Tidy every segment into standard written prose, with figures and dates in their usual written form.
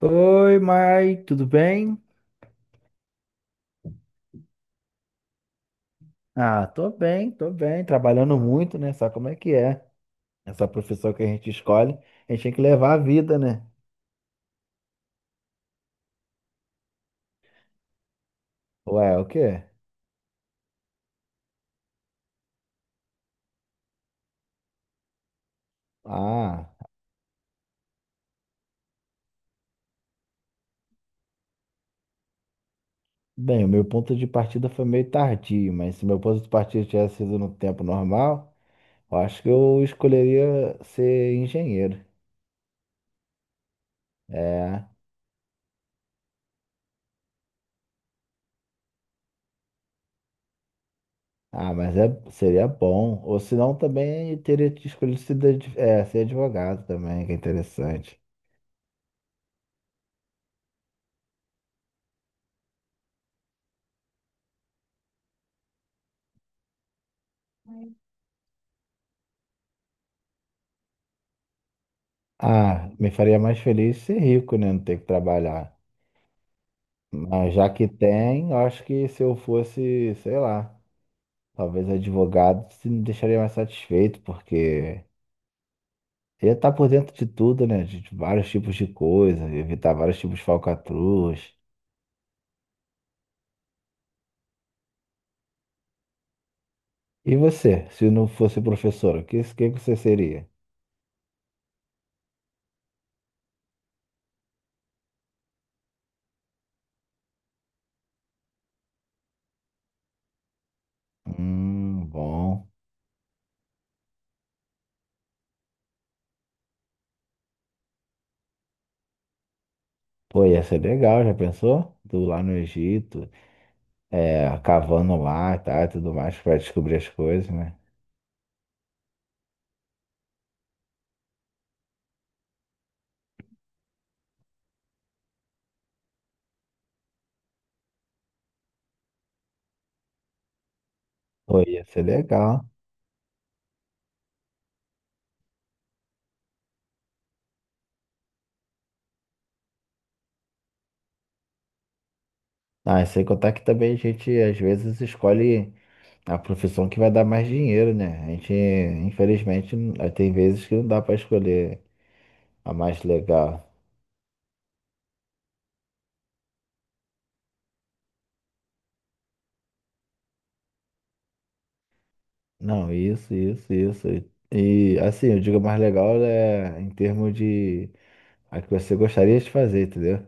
Oi, Mai, tudo bem? Ah, tô bem, trabalhando muito, né? Sabe como é que é? Essa profissão que a gente escolhe, a gente tem que levar a vida, né? Ué, o quê? Ah, bem, o meu ponto de partida foi meio tardio, mas se meu ponto de partida tivesse sido no tempo normal, eu acho que eu escolheria ser engenheiro. É. Ah, mas é, seria bom. Ou senão também teria escolhido ser advogado também, que é interessante. Ah, me faria mais feliz ser rico, né? Não ter que trabalhar. Mas já que tem, eu acho que se eu fosse, sei lá, talvez advogado, se me deixaria mais satisfeito, porque ia estar por dentro de tudo, né? De vários tipos de coisa, evitar vários tipos de falcatruas. E você, se não fosse professor, o que, que você seria? Bom. Pô, ia ser legal, já pensou? Tu lá no Egito, é, cavando lá, tá, e tudo mais, para descobrir as coisas, né? Pô, ia ser legal. Ah, sem contar que também a gente às vezes escolhe a profissão que vai dar mais dinheiro, né? A gente, infelizmente, tem vezes que não dá para escolher a mais legal. Não, isso, isso, isso. E assim, eu digo a mais legal é em termos de a que você gostaria de fazer, entendeu?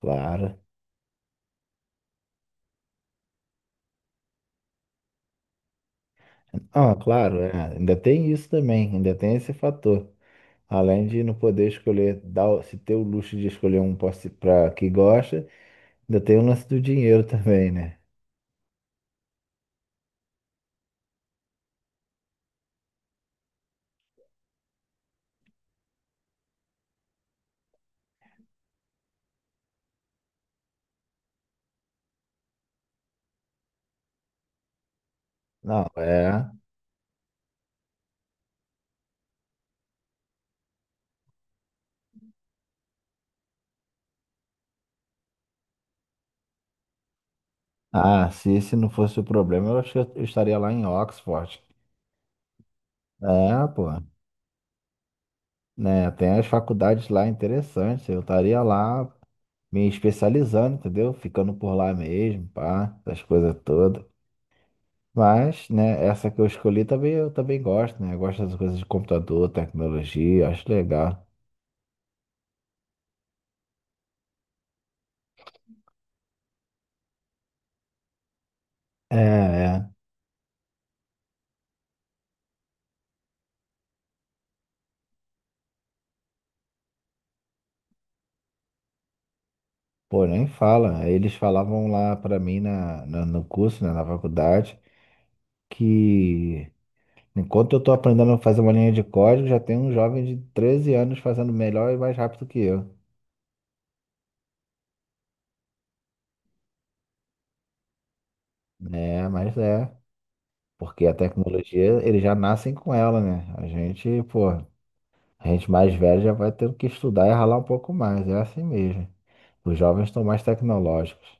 Claro. Ah, claro, é. Ainda tem isso também, ainda tem esse fator. Além de não poder escolher, se ter o luxo de escolher um para que gosta, ainda tem o lance do dinheiro também, né? Não, é. Ah, se esse não fosse o problema, eu acho que eu estaria lá em Oxford. É, pô. Né, tem as faculdades lá interessantes. Eu estaria lá me especializando, entendeu? Ficando por lá mesmo, pá, essas coisas todas. Mas, né, essa que eu escolhi também eu também gosto, né? Eu gosto das coisas de computador, tecnologia, acho legal. É, é. Pô, nem fala. Eles falavam lá pra mim no curso, né, na faculdade, que enquanto eu estou aprendendo a fazer uma linha de código, já tem um jovem de 13 anos fazendo melhor e mais rápido que eu. É, mas é. Porque a tecnologia, eles já nascem com ela, né? A gente, pô, a gente mais velho já vai ter que estudar e ralar um pouco mais. É assim mesmo. Os jovens estão mais tecnológicos.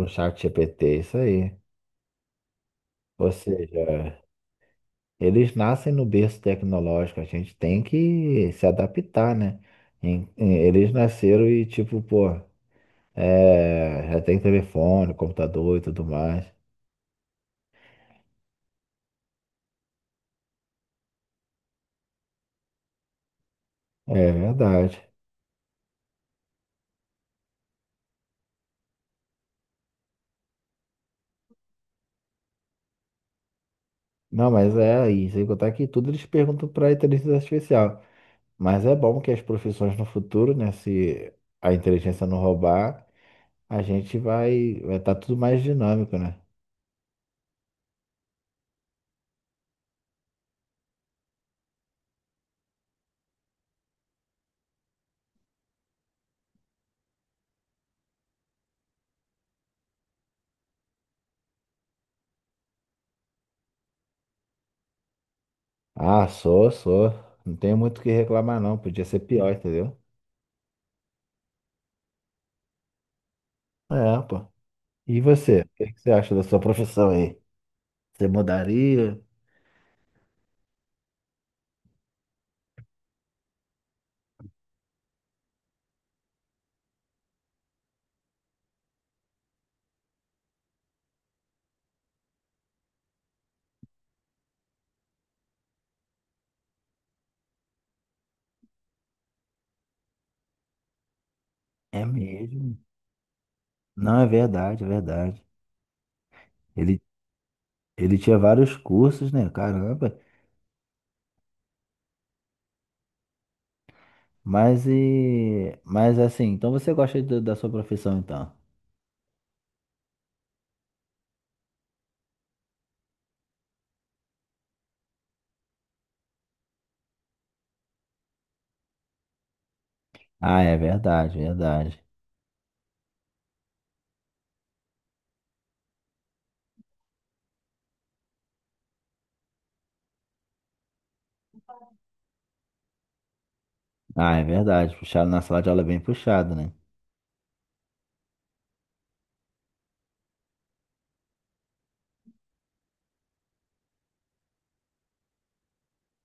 O chat GPT, isso aí. Ou seja, eles nascem no berço tecnológico. A gente tem que se adaptar, né? Eles nasceram e, tipo, pô. É, já tem telefone, computador e tudo mais. É verdade. Não, mas é aí, sem contar que tudo eles perguntam para a inteligência artificial. Mas é bom que as profissões no futuro, né, se a inteligência não roubar, a gente vai estar tudo mais dinâmico, né? Ah, sou, sou. Não tenho muito o que reclamar, não. Podia ser pior, entendeu? É, pô. E você? O que que você acha da sua profissão aí? Você mudaria? É mesmo? Não, é verdade, é verdade. Ele ele tinha vários cursos, né? Caramba. Mas e. Mas assim, então você gosta do- da sua profissão, então? Ah, é verdade, verdade. Ah, é verdade. Puxado na sala de aula é bem puxado, né?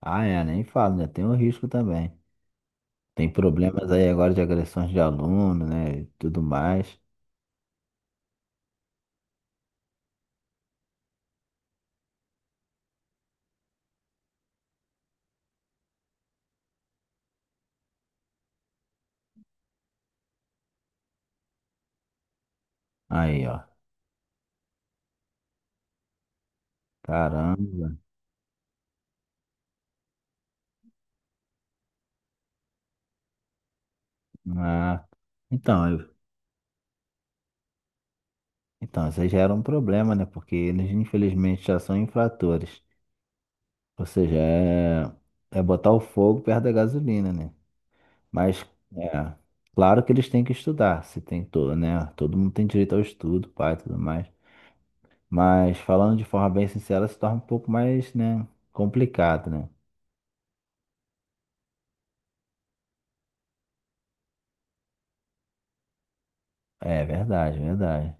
Ah, é, nem falo, né? Tem o risco também. Tem problemas aí agora de agressões de aluno, né? E tudo mais. Aí, ó. Caramba. Ah. Então, eu- então, isso aí já era um problema, né? Porque eles, infelizmente, já são infratores. Ou seja, é, é botar o fogo perto da gasolina, né? Mas, é, claro que eles têm que estudar, se tem todo, né? Todo mundo tem direito ao estudo, pai, e tudo mais. Mas falando de forma bem sincera, se torna um pouco mais, né, complicado, né? É verdade, verdade.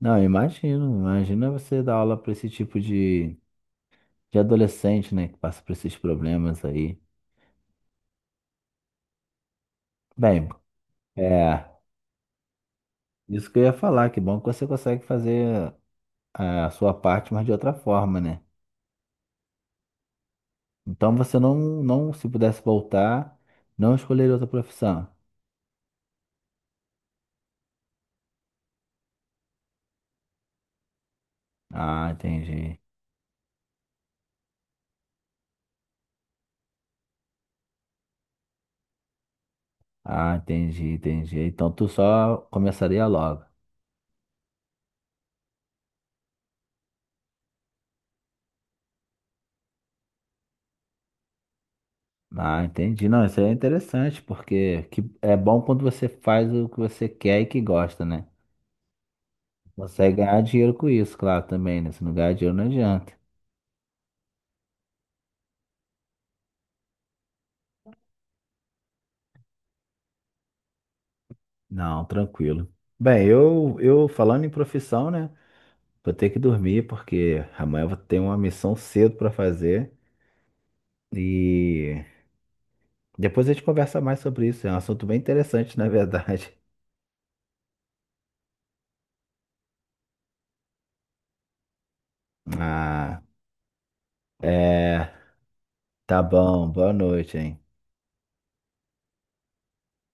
Não, eu imagino, imagina você dar aula para esse tipo de adolescente, né, que passa por esses problemas aí. Bem, é, isso que eu ia falar, que bom que você consegue fazer a sua parte, mas de outra forma, né? Então você não, não, se pudesse voltar, não escolheria outra profissão. Ah, entendi. Ah, entendi, entendi. Então tu só começaria logo. Ah, entendi. Não, isso é interessante, porque que é bom quando você faz o que você quer e que gosta, né? Consegue ganhar dinheiro com isso, claro, também, né? Se não ganhar dinheiro, não adianta. Não, tranquilo. Bem, eu falando em profissão, né? Vou ter que dormir, porque amanhã eu vou ter uma missão cedo para fazer. E depois a gente conversa mais sobre isso. É um assunto bem interessante, na verdade. Ah. É, tá bom, boa noite, hein?